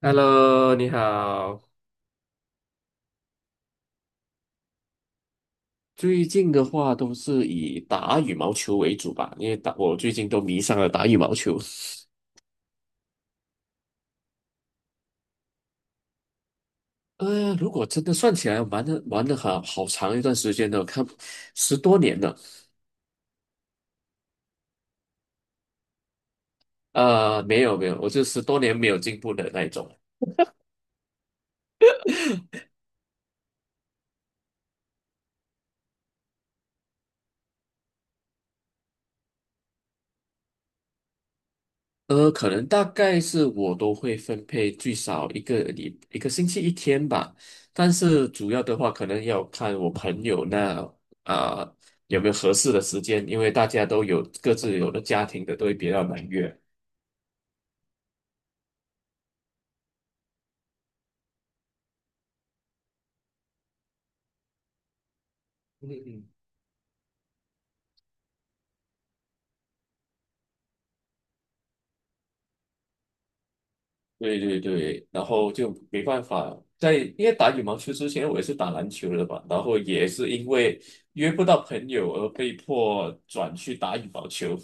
Hello，你好。最近的话都是以打羽毛球为主吧，因为我最近都迷上了打羽毛球。如果真的算起来，玩的好长一段时间了，看十多年了。没有没有，我就十多年没有进步的那一种。可能大概是我都会分配最少一个星期一天吧，但是主要的话可能要看我朋友那啊、有没有合适的时间，因为大家都有各自有的家庭的，都会比较忙约。嗯嗯，对对对，然后就没办法在，因为打羽毛球之前我也是打篮球的嘛，然后也是因为约不到朋友而被迫转去打羽毛球。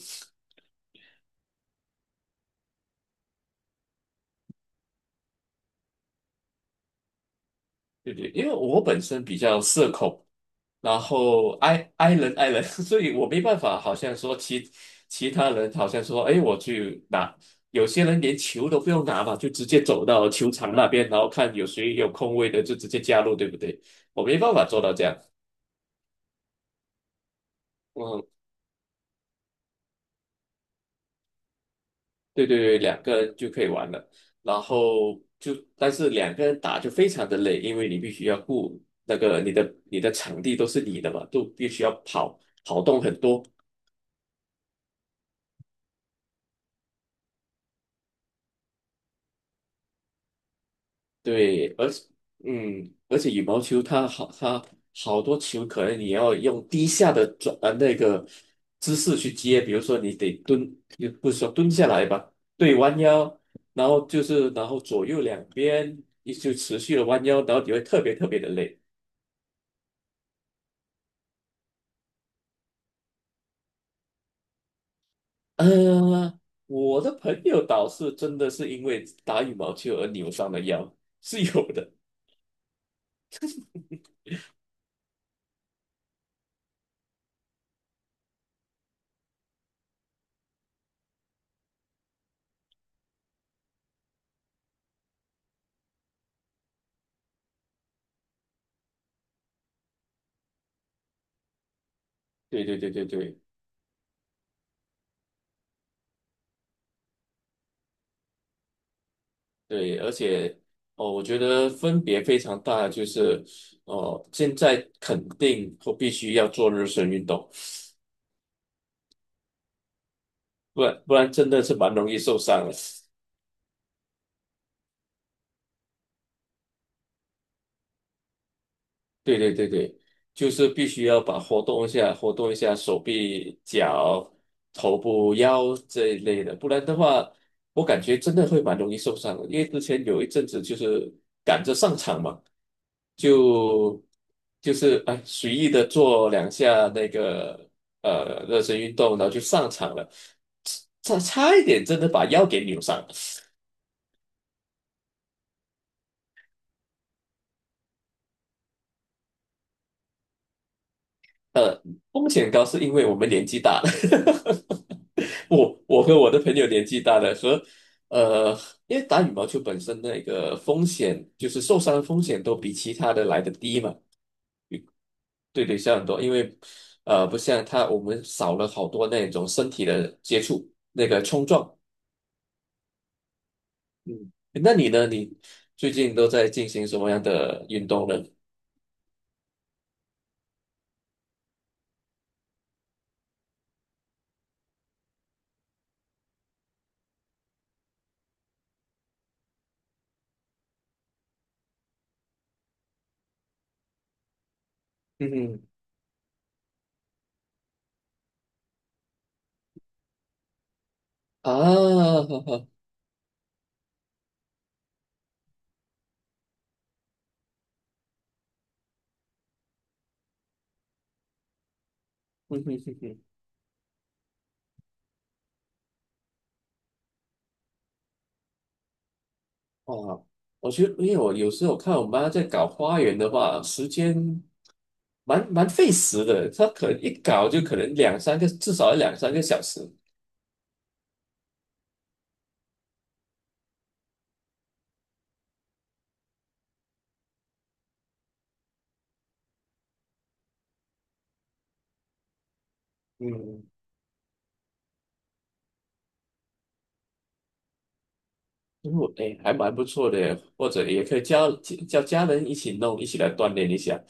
对不对，因为我本身比较社恐，然后 i i 人 i 人，所以我没办法，好像说其他人好像说，哎，我去拿，有些人连球都不用拿嘛，就直接走到球场那边，然后看有谁有空位的就直接加入，对不对？我没办法做到这样，嗯，对对对，两个人就可以玩了，然后就但是两个人打就非常的累，因为你必须要顾那个你的场地都是你的嘛，都必须要跑动很多。对，而且羽毛球它好，它好多球可能你要用低下的那个姿势去接，比如说你得蹲，也不是说蹲下来吧，对，弯腰，然后就是然后左右两边你就持续的弯腰，然后你会特别特别的累。呃，我的朋友倒是真的是因为打羽毛球而扭伤了腰，是有的。对对对对对。对，而且哦，我觉得分别非常大，就是哦，现在肯定或必须要做热身运动，不然真的是蛮容易受伤的。对对对对，就是必须要把活动一下，活动一下手臂、脚、头部、腰这一类的，不然的话，我感觉真的会蛮容易受伤的。因为之前有一阵子就是赶着上场嘛，就就是哎随意的做两下那个热身运动，然后就上场了，差一点真的把腰给扭伤。呃，风险高是因为我们年纪大了。我和我的朋友年纪大的和呃，因为打羽毛球本身那个风险，就是受伤的风险都比其他的来的低嘛，对对，小很多，因为不像他我们少了好多那种身体的接触，那个冲撞。嗯，那你呢？你最近都在进行什么样的运动呢？嗯哼，啊，好好，嗯哼哼哼哦，我觉得，因为我有时候看我妈在搞花园的话，时间蛮费时的，她可能一搞就可能两三个，至少要两三个小时。嗯，因为我哎，还蛮不错的或者也可以叫家人一起弄，一起来锻炼一下。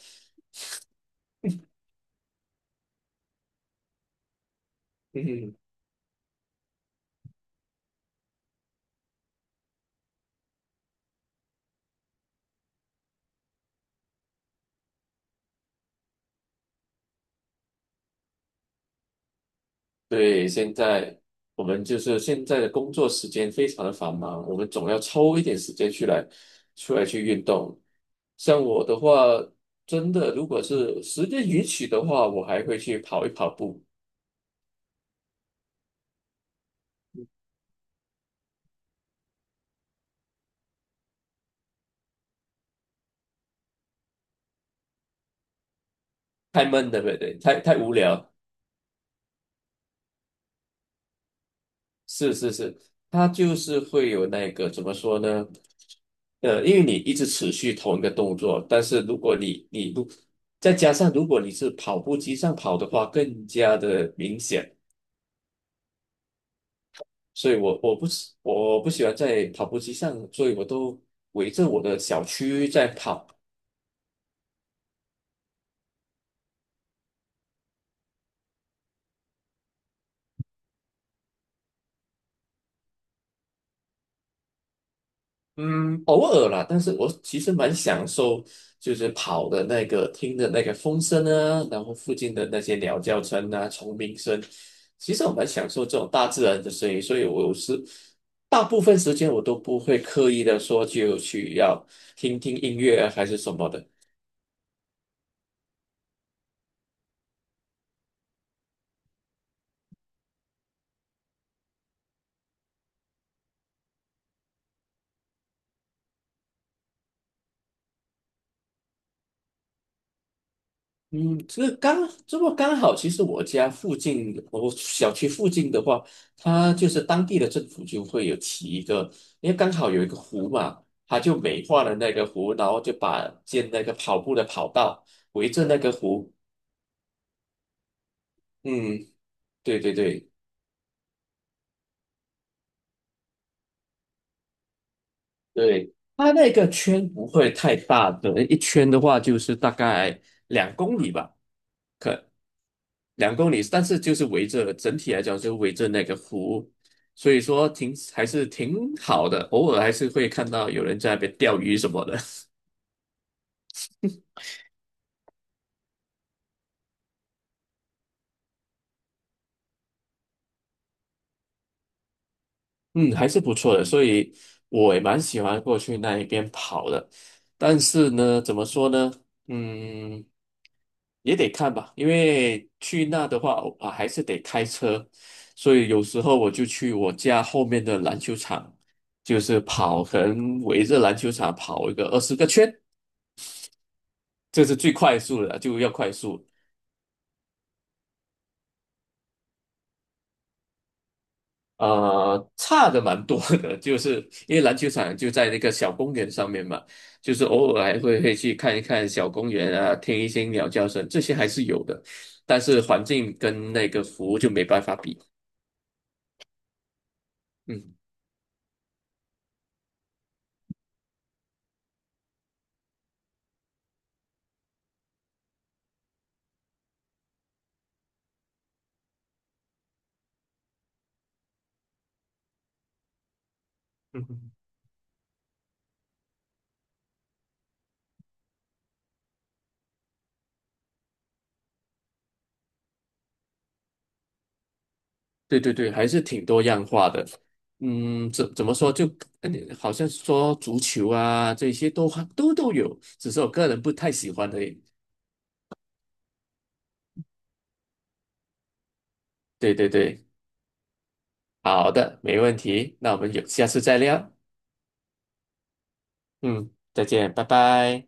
嗯，对，现在我们就是现在的工作时间非常的繁忙，我们总要抽一点时间出来去运动。像我的话，真的如果是时间允许的话，我还会去跑一跑步。太闷了，对不对？太无聊。是是是，它就是会有那个怎么说呢？因为你一直持续同一个动作，但是如果你不，再加上如果你是跑步机上跑的话，更加的明显。所以我不喜欢在跑步机上，所以我都围着我的小区在跑。嗯，偶尔啦，但是我其实蛮享受，就是跑的那个听的那个风声啊，然后附近的那些鸟叫声啊、虫鸣声，其实我蛮享受这种大自然的声音，所以我有时大部分时间我都不会刻意的说就去要听听音乐啊还是什么的。嗯，这么刚好，其实我家附近，我小区附近的话，它就是当地的政府就会有起一个，因为刚好有一个湖嘛，它就美化了那个湖，然后就把建那个跑步的跑道围着那个湖。嗯，对对对对，它那个圈不会太大的，一圈的话就是大概两公里吧。可。两公里，但是就是围着整体来讲就围着那个湖，所以说还是挺好的，偶尔还是会看到有人在那边钓鱼什么的，嗯，还是不错的，所以我也蛮喜欢过去那一边跑的，但是呢，怎么说呢，嗯，也得看吧，因为去那的话啊还是得开车，所以有时候我就去我家后面的篮球场，就是跑，可能围着篮球场跑一个20个圈。这是最快速的，就要快速。差的蛮多的，就是因为篮球场就在那个小公园上面嘛，就是偶尔还会去看一看小公园啊，听一些鸟叫声，这些还是有的，但是环境跟那个服务就没办法比。嗯，嗯哼对对对，还是挺多样化的。嗯，怎么说就，呃好像说足球啊这些都有，只是我个人不太喜欢而已。对对对。好的，没问题，那我们有下次再聊。嗯，再见，拜拜。